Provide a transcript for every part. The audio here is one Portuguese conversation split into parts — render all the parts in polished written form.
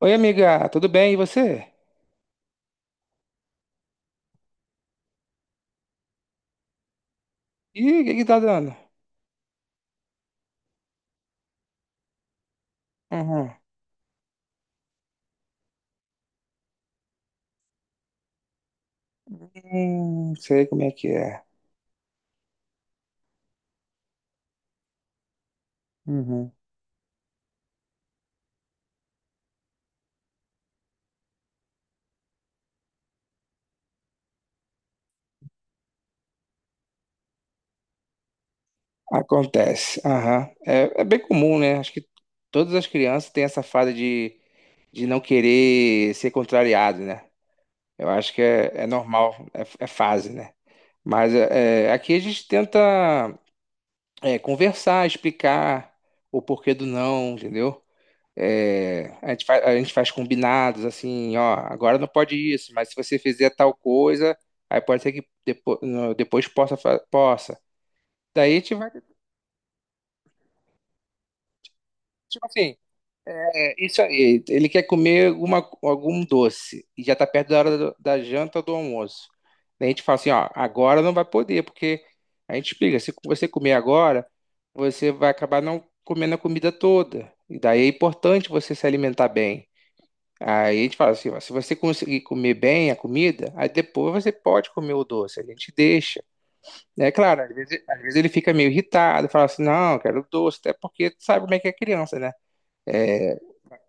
Oi, amiga, tudo bem? E você? Ih, o que que tá dando? Uhum. Sei como é que é. Uhum. Acontece. Aham. É bem comum, né? Acho que todas as crianças têm essa fase de não querer ser contrariado, né? Eu acho que é normal, é fase, né? Mas aqui a gente tenta conversar, explicar o porquê do não, entendeu? É, a gente faz combinados assim, ó, agora não pode isso, mas se você fizer tal coisa, aí pode ser que depois possa, possa. Daí a gente vai, Tipo assim, isso aí, ele quer comer algum doce e já tá perto da hora da janta ou do almoço. Daí a gente fala assim, ó, agora não vai poder, porque a gente explica, se você comer agora, você vai acabar não comendo a comida toda. E daí é importante você se alimentar bem. Aí a gente fala assim, ó, se você conseguir comer bem a comida, aí depois você pode comer o doce, a gente deixa. É claro, às vezes ele fica meio irritado, fala assim, não, eu quero doce, até porque tu sabe como é que é criança, né?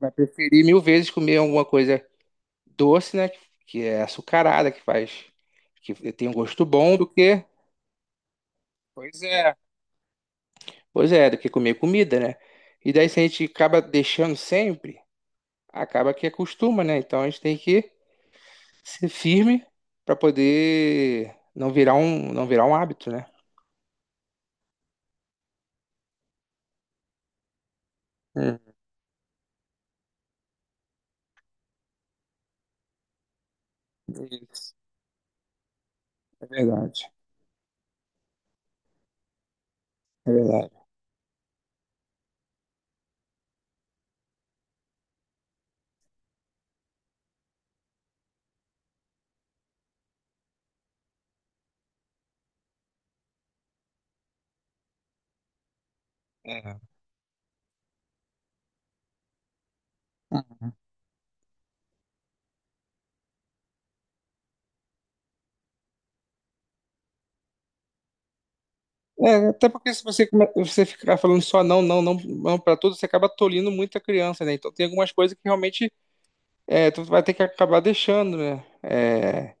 Vai preferir mil vezes comer alguma coisa doce, né? Que é açucarada, que faz, que tem um gosto bom do que. Pois é. Pois é, do que comer comida, né? E daí se a gente acaba deixando sempre, acaba que acostuma, né? Então a gente tem que ser firme para poder não virar um hábito, né? Hum, isso. É verdade, é verdade. É. É, até porque se você, você ficar falando só não, não, não, não para tudo, você acaba tolindo muito a criança, né? Então tem algumas coisas que realmente tu vai ter que acabar deixando, né? É,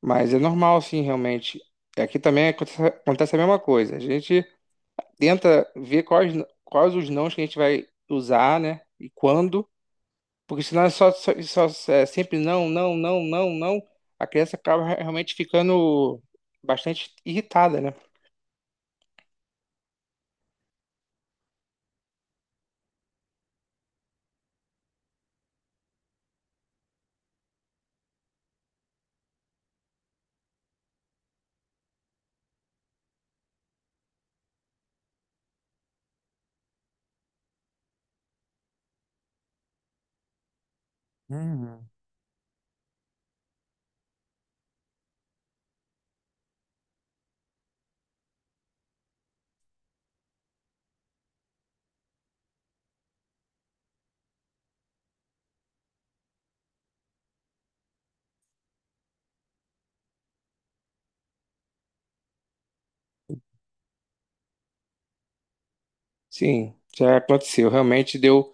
mas é normal, sim, realmente. E aqui também acontece a mesma coisa. A gente tenta ver quais os nãos que a gente vai usar, né? E quando. Porque senão é é sempre não, não, não, não, não. A criança acaba realmente ficando bastante irritada, né? Sim, já aconteceu. Realmente deu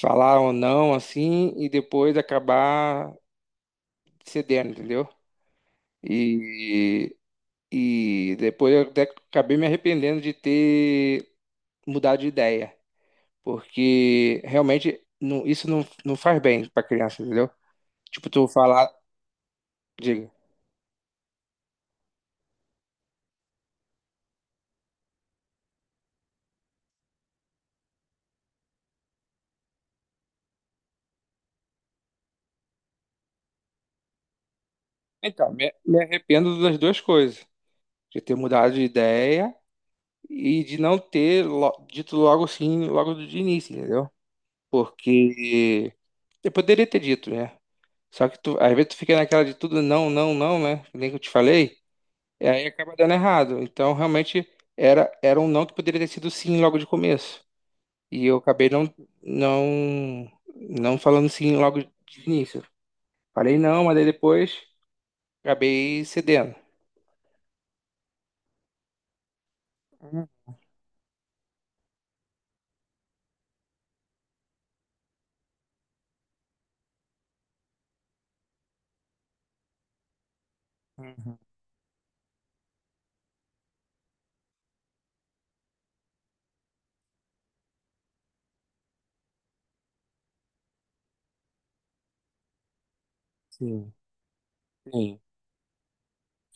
falar ou não assim e depois acabar cedendo, entendeu? E, e depois eu até acabei me arrependendo de ter mudado de ideia. Porque realmente não, isso não, não faz bem pra criança, entendeu? Tipo, tu falar, diga. Então, me arrependo das duas coisas. De ter mudado de ideia e de não ter dito logo sim, logo de início, entendeu? Porque eu poderia ter dito, né? Só que tu, às vezes tu fica naquela de tudo não, não, não, né? Que nem que eu te falei, e aí acaba dando errado. Então, realmente, era um não que poderia ter sido sim logo de começo. E eu acabei não falando sim logo de início. Falei não, mas aí depois acabei cedendo. Uhum, sim, sim.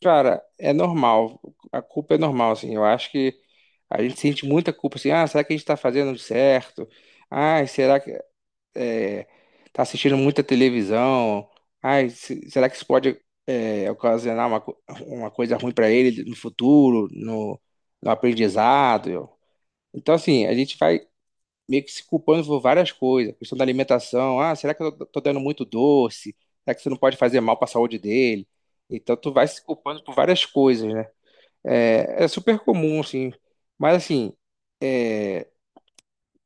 Cara, é normal. A culpa é normal, assim. Eu acho que a gente sente muita culpa, assim. Ah, será que a gente tá fazendo certo? Ai, será que é, tá assistindo muita televisão? Ai, será que isso pode ocasionar uma coisa ruim para ele no futuro, no aprendizado? Então, assim, a gente vai meio que se culpando por várias coisas. A questão da alimentação, ah, será que eu tô dando muito doce? Será que isso não pode fazer mal para a saúde dele? Então tu vai se culpando por várias coisas, né? É super comum, assim. Mas assim,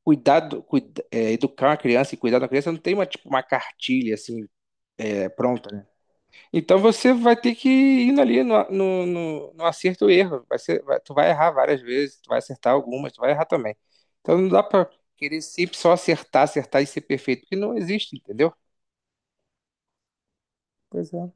educar uma criança e cuidar da criança não tem uma, tipo, uma cartilha assim, pronta, né? Então você vai ter que ir indo ali no acerto e erro. Tu vai errar várias vezes, tu vai acertar algumas, tu vai errar também. Então não dá pra querer sempre só acertar, acertar e ser perfeito, porque não existe, entendeu? Pois é.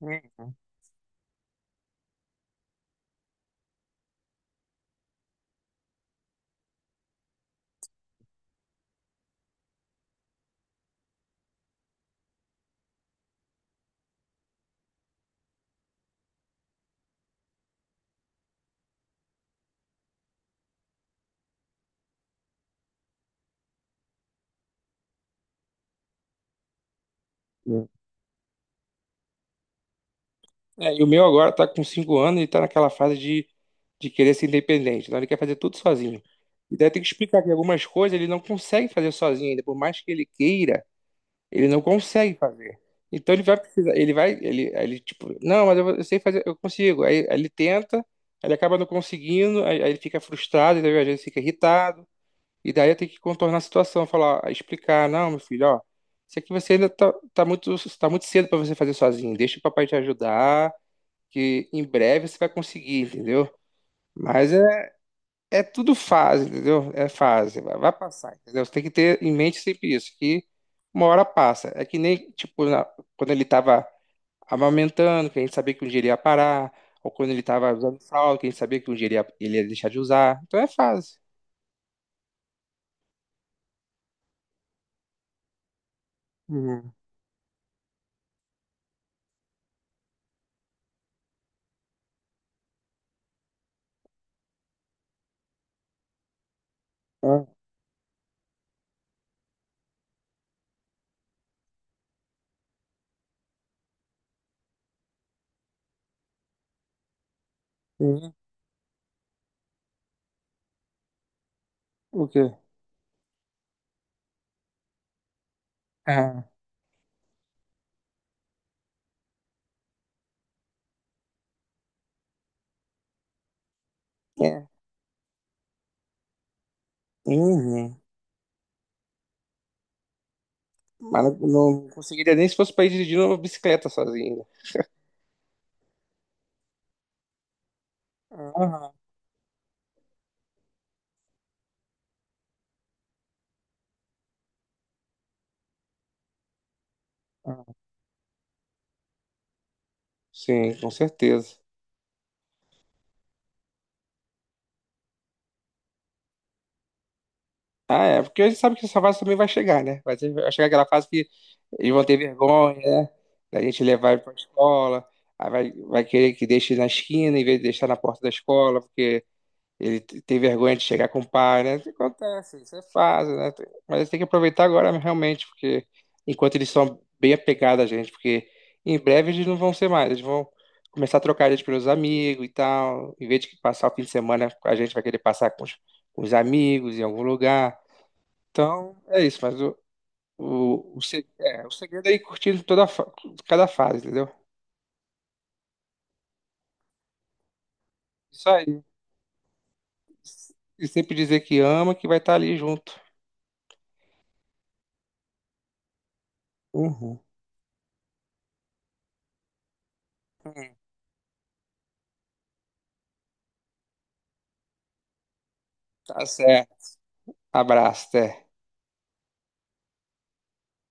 Hum. É, e o meu agora tá com 5 anos e tá naquela fase de querer ser independente. Então ele quer fazer tudo sozinho. E daí tem que explicar que algumas coisas ele não consegue fazer sozinho ainda, por mais que ele queira. Ele não consegue fazer. Então ele vai precisar, ele vai, ele tipo, não, mas eu sei fazer, eu consigo. Aí ele tenta, aí ele acaba não conseguindo, aí ele fica frustrado, entendeu? Às vezes fica irritado. E daí eu tenho que contornar a situação, falar, explicar, não, meu filho, ó, isso aqui você ainda tá muito, tá muito cedo para você fazer sozinho. Deixa o papai te ajudar, que em breve você vai conseguir, entendeu? Mas é tudo fase, entendeu? É fase, vai passar, entendeu? Você tem que ter em mente sempre isso, que uma hora passa. É que nem, tipo, quando ele tava amamentando, que a gente sabia que um dia ele ia parar, ou quando ele tava usando fralda, que a gente sabia que um dia ele ia deixar de usar. Então é fase. Uhum. Ah, uhum. O quê? Ah, é. Uhum. Mas não conseguiria nem se fosse pra ir dirigindo uma bicicleta sozinho. Aham. Sim, com certeza. Ah, é, porque a gente sabe que essa fase também vai chegar, né? Vai chegar aquela fase que eles vão ter vergonha, né? Da gente levar ele pra escola, aí vai querer que deixe na esquina em vez de deixar na porta da escola, porque ele tem vergonha de chegar com o pai, né? Isso acontece, isso é fase, né? Mas tem que aproveitar agora realmente, porque enquanto eles são bem apegados a gente, porque em breve eles não vão ser mais, eles vão começar a trocar a gente pelos amigos e tal, em vez de passar o fim de semana, a gente vai querer passar com com os amigos em algum lugar. Então, é isso, mas o, se- é, o segredo é ir curtindo cada fase, entendeu? Isso aí. E sempre dizer que ama, que vai estar ali junto. Uhum. Tá certo. Abraço, até.